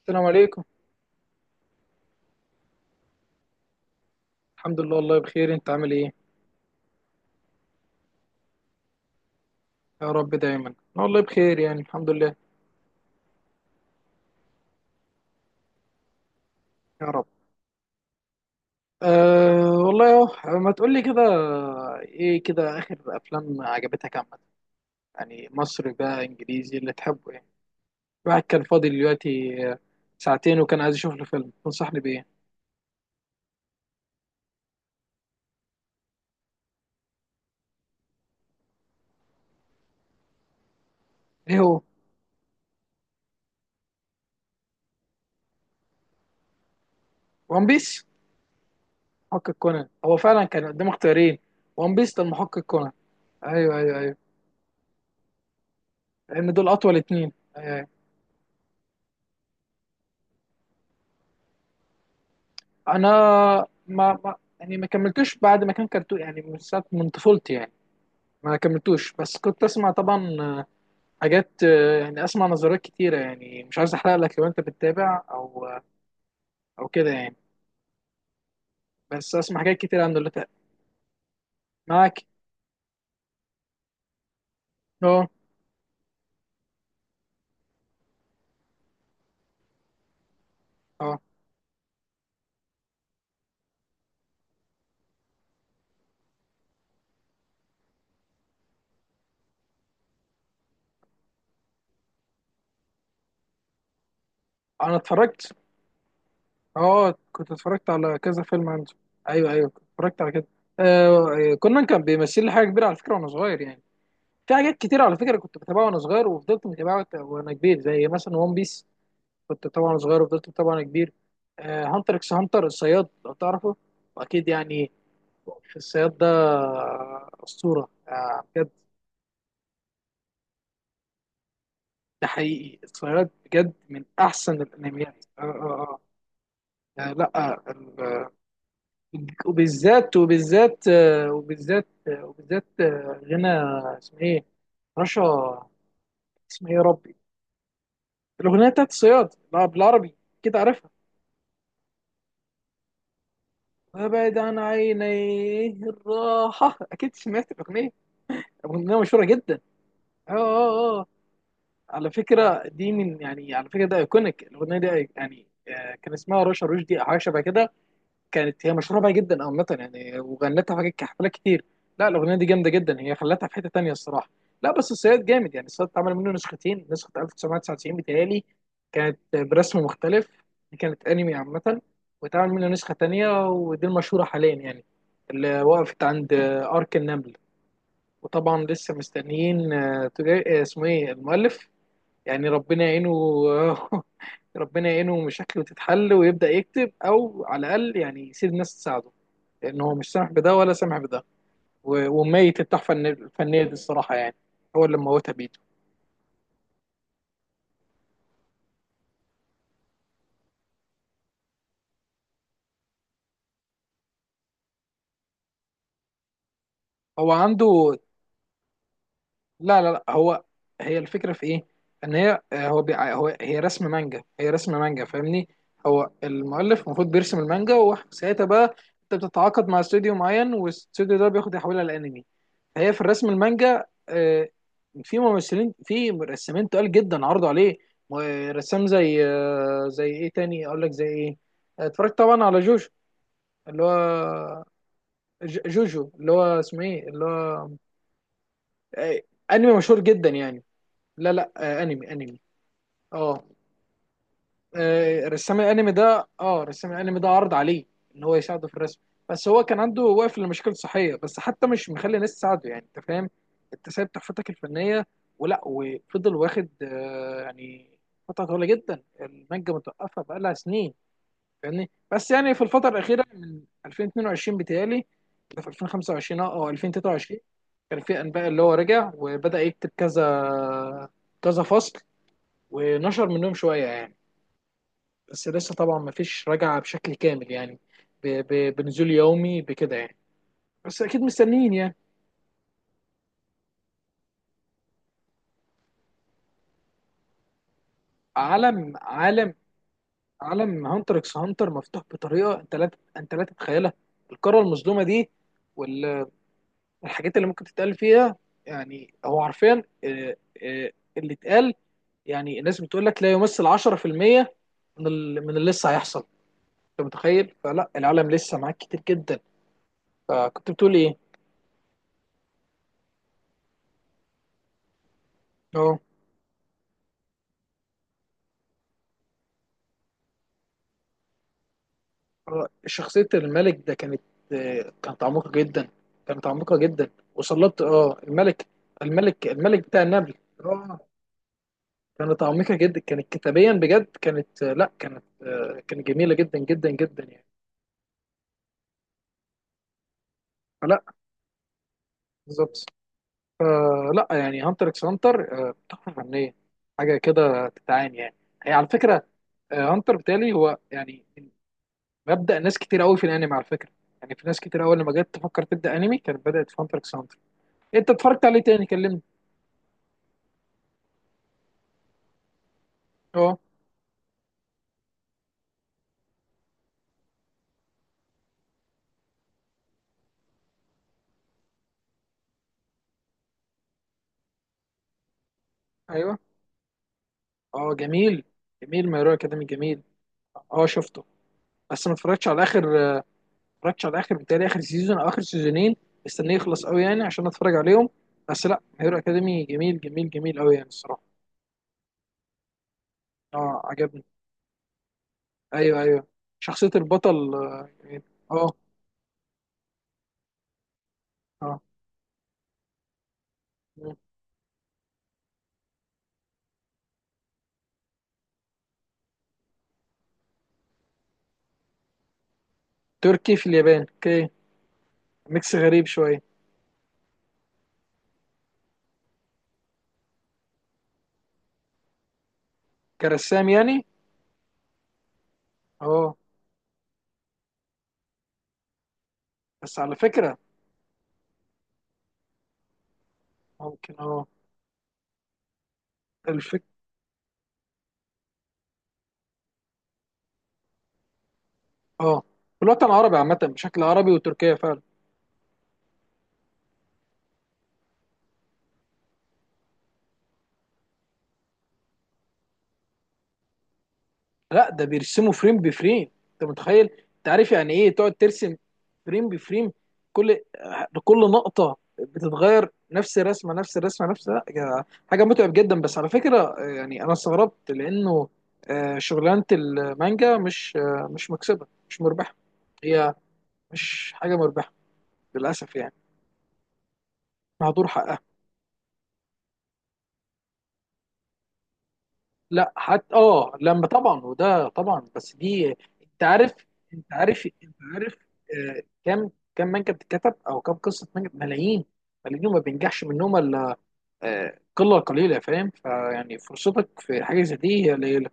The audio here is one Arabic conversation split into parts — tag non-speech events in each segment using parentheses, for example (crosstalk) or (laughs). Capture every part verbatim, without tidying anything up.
السلام عليكم. الحمد لله، والله بخير، انت عامل ايه؟ يا رب دايما. أنا والله بخير، يعني الحمد لله. يا رب. أه، والله اهو ما تقول لي كده. ايه كده اخر افلام عجبتك عامه؟ يعني مصري بقى انجليزي اللي تحبه، يعني. الواحد كان فاضي دلوقتي، آه، ساعتين، وكان عايز يشوف له فيلم، تنصحني بايه؟ ايه هو؟ وان بيس، محقق كونان؟ هو فعلا كان قدام اختيارين، وان بيس ده المحقق كونان. ايوه ايوه ايوه، لان دول اطول اتنين. أيوه، انا ما, ما يعني ما كملتوش، بعد ما كان كرتون يعني من ساعه، من طفولتي يعني. ما كملتوش، بس كنت اسمع طبعا، آه، حاجات، آه، يعني اسمع نظريات كتيره، يعني مش عايز احرق لك لو انت بتتابع، او آه، او كده يعني. بس اسمع حاجات كتيره عنه اللي فات. معاك. اه اه، انا اتفرجت. اه كنت اتفرجت على كذا فيلم عنده. ايوه ايوه كنت اتفرجت على كده. آه، كنا كان بيمثل لي حاجه كبيره على فكره وانا صغير يعني. في حاجات كتير على فكره كنت بتابعها وانا صغير، وفضلت متابعها وانا وانا كبير، زي مثلا ون بيس. كنت طبعا صغير، وفضلت طبعا كبير. آه، هانتر اكس هانتر، الصياد، لو تعرفه. واكيد يعني. في الصياد ده، آه، اسطوره آه، بجد. ده حقيقي، الصياد بجد من احسن الانميات. اه اه اه. يعني لا ال- آه، وبالذات وبالذات آه، وبالذات آه، وبالذات آه، غنى. اسمه ايه؟ رشا. اسمه ايه يا ربي؟ الاغنيه بتاعت الصياد، لا، بالعربي، كده عارفها. ابعد عن عيني الراحه، اكيد سمعت الاغنيه، اغنيه مشهوره جدا. اه اه اه. على فكره دي من، يعني على فكره ده ايكونيك الاغنيه دي يعني. آه، كان اسمها رشا رشدي، او حاجه شبه كده. كانت هي مشهوره بقى جدا عامه يعني، وغنتها في حفلات كتير. لا، الاغنيه دي جامده جدا، هي خلتها في حته تانيه الصراحه. لا بس الصياد جامد يعني. الصياد اتعمل منه نسختين، نسخه ألف تسعمية تسعة وتسعين بتهيألي، كانت برسم مختلف، دي كانت انمي عامه، واتعمل منه نسخه تانيه ودي المشهوره حاليا يعني، اللي وقفت عند آه، ارك النمل. وطبعا لسه مستنيين آه، تجا- آه، اسمه ايه المؤلف. يعني ربنا يعينه. (laughs) ربنا يعينه، مشاكله تتحل ويبدأ يكتب، او على الاقل يعني يسيب ناس تساعده. لان هو مش سامح بده ولا سامح بده. و- وميت التحفة الن- الفنية دي الصراحة يعني. هو اللي موتها بيده. هو عنده، لا لا لا. هو، هي الفكره في ايه؟ ان هي آه، هو بيع... هو هي رسم مانجا، هي رسم مانجا، فاهمني. هو المؤلف المفروض بيرسم المانجا، وساعتها بقى انت بتتعاقد مع استوديو معين، والاستوديو ده بياخد يحولها لانمي. هي في الرسم المانجا، آه، في ممثلين، في رسامين تقال جدا عرضوا عليه. م- رسام زي، آه، زي ايه تاني اقول لك، زي ايه؟ اتفرجت طبعا على جوجو، اللي هو ج- جوجو، اللي هو اسمه ايه، اللي هو آه، انمي مشهور جدا يعني. لا لا، آه انمي انمي. اه آه، رسام الانمي ده اه رسام الانمي ده عرض عليه ان هو يساعده في الرسم. بس هو كان عنده واقف لمشاكل صحيه، بس حتى مش مخلي ناس تساعده، يعني انت فاهم؟ انت سايب تحفتك الفنيه، ولا وفضل واخد آه يعني فتره طويله جدا، المانجا متوقفه بقالها سنين، فاهمني. بس يعني في الفتره الاخيره من ألفين واتنين وعشرين بتهيألي، ده في ألفين وخمسة وعشرين اه او ألفين وتلاتة وعشرين، كان في انباء اللي هو رجع وبدأ يكتب كذا، كذا فصل، ونشر منهم شوية يعني. بس لسه طبعا مفيش رجعة بشكل كامل يعني، ب- ب- بنزول يومي بكده يعني. بس أكيد مستنيين يعني. عالم عالم عالم هانتر اكس هانتر مفتوح بطريقة أنت لا أنت لا تتخيلها. القارة المظلومة دي، والحاجات اللي ممكن تتقال فيها. يعني هو حرفيا، آه، آه، اللي اتقال. يعني الناس بتقول لك لا يمثل عشرة في المية من ال- من اللي لسه هيحصل. أنت متخيل؟ فلا، العالم لسه معاك كتير جدا. فكنت بتقول إيه؟ اه. آه، شخصية الملك ده كانت، آه، كانت عميقة جدا، كانت عميقة جدا. وصلت، اه الملك الملك الملك بتاع النمل. اه، كانت عميقة جدا، كانت كتابيا بجد، كانت آه، لا، كانت آه، كانت جميلة جدا جدا جدا يعني. فلا، بالظبط. فلا يعني هانتر اكس هانتر تحفة فنية، حاجة كده تتعاني يعني. هي على فكرة، آه، هانتر بتالي هو، يعني مبدأ ناس كتير قوي في الانمي على فكرة. يعني في ناس كتير قوي لما جت تفكر تبدأ انمي كانت بدأت في هانتر اكس هانتر. انت اتفرجت عليه تاني كلمني. اه. ايوه. اه جميل، جميل، مايرو اكاديمي جميل. اه شفته. بس ما اتفرجتش على اخر ما اتفرجتش على اخر بتاعي، اخر سيزون او اخر سيزونين. مستنيه يخلص قوي يعني عشان اتفرج عليهم. بس لا، مايرو اكاديمي جميل جميل جميل قوي يعني الصراحه. اه عجبني. ايوه ايوه. شخصيه البطل، اه، جميل. اه. آه. مم. تركي في اليابان، اوكي. ميكس غريب شويه. كرسام يعني. اه. بس على فكره. ممكن اه. الفك. اه، في الوطن العربي عامه بشكل عربي وتركيا فعلا. لا ده بيرسموا فريم بفريم، انت متخيل؟ انت عارف يعني ايه تقعد ترسم فريم بفريم؟ كل كل نقطه بتتغير، نفس الرسمه، نفس الرسمه، نفس لا يا- حاجه متعب جدا. بس على فكره يعني انا استغربت لانه، آه، شغلانه المانجا مش، آه، مش مكسبه، مش مربحه. هي مش حاجه مربحه، للاسف يعني، مهدور حقها. لا حتى اه لما طبعا، وده طبعا، بس دي، انت عارف، انت عارف، انت عارف. آه كام، كام مانجا بتتكتب، او كام قصه مانجا؟ ملايين، ملايين. وما بينجحش منهم الا آه قله قليله، فاهم؟ فيعني فرصتك في حاجه زي دي هي قليله.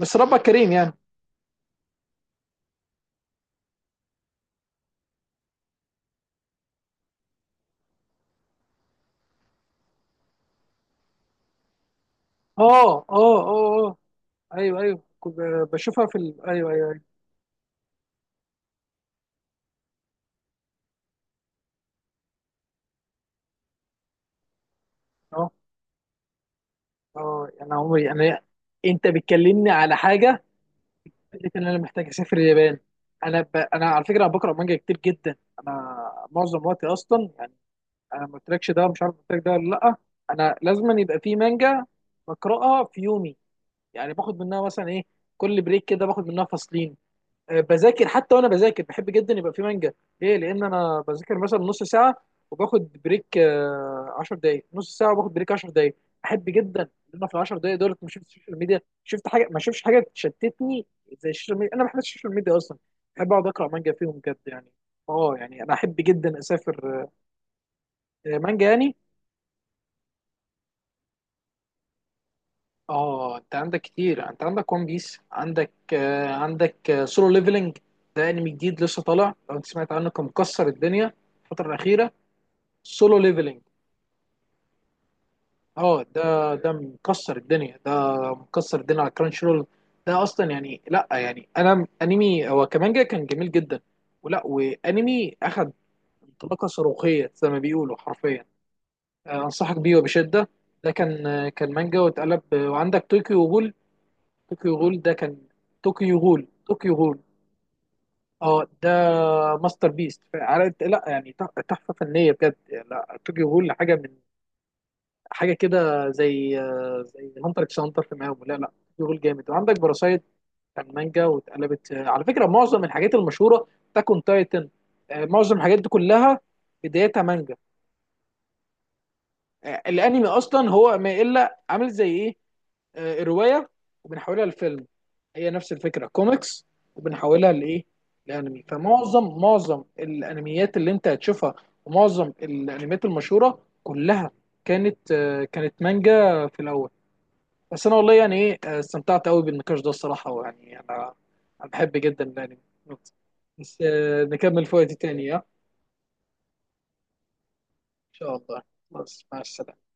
بس ربك كريم يعني. اه اه اه اه، ايوه ايوه كنت بشوفها في ال... ايوه ايوه ايوه. اه اه. انا عمري انا، انت بتكلمني على حاجه، فكرة ان انا محتاج اسافر اليابان. انا ب... انا على فكره انا بقرا مانجا كتير جدا، انا معظم وقتي اصلا يعني. انا ما قلتلكش ده، مش عارف قلت لك ده ولا لا. انا لازم يبقى في مانجا بقراها في يومي، يعني باخد منها مثلا ايه، كل بريك كده باخد منها فصلين. آه، بذاكر حتى، وانا بذاكر بحب جدا يبقى في مانجا. ليه؟ لان انا بذاكر مثلا نص ساعه وباخد بريك آه، عشر دقائق، نص ساعه وباخد بريك عشر دقائق. احب جدا ان انا في ال عشر دقائق دولت ما شفت السوشيال ميديا، شفت حاجه، ما شفتش حاجه تشتتني زي السوشيال ميديا. انا ما بحبش السوشيال ميديا اصلا. بحب اقعد اقرا مانجا فيهم بجد يعني. اه يعني انا احب جدا اسافر. آه، مانجا يعني. اه، انت عندك كتير، انت عندك ون بيس، عندك آه، عندك سولو ليفلنج. ده انمي جديد لسه طالع، لو انت سمعت عنه كان مكسر الدنيا الفتره الاخيره. سولو ليفلنج. اه ده ده مكسر الدنيا، ده مكسر الدنيا على كرانش رول. ده اصلا يعني لا، يعني انا انمي هو كمان جاي كان جميل جدا، ولا وانمي اخد انطلاقه صاروخيه زي ما بيقولوا حرفيا. آه، انصحك بيه وبشده. ده كان، آه، كان مانجا واتقلب، آه، وعندك طوكيو غول. طوكيو غول ده كان، طوكيو غول، طوكيو غول. اه ده ماستر بيست، عارف، لا يعني تح- تحفه فنيه بجد. لا، طوكيو غول حاجه من، حاجه كده زي، زي هانتر اكس هانتر في مقاومه. لا لا، شغل جامد. وعندك باراسايت، كان مانجا واتقلبت. آه، على فكره معظم الحاجات المشهوره، تاكون تايتن، آه، معظم الحاجات دي كلها بدايتها مانجا. آه، الانمي اصلا هو ما الا عامل زي ايه؟ آه، روايه وبنحولها لفيلم، هي نفس الفكره كوميكس وبنحولها لايه؟ لانمي. فمعظم معظم الانميات اللي انت هتشوفها، ومعظم الانميات المشهوره كلها كانت، آه، كانت مانجا في الاول. بس انا والله يعني ايه، آه، استمتعت قوي بالنقاش ده الصراحه، ويعني انا، أنا بحب جدا يعني. بس آه، نكمل في وقت تاني، ها؟ ان شاء الله. بس مع السلامه.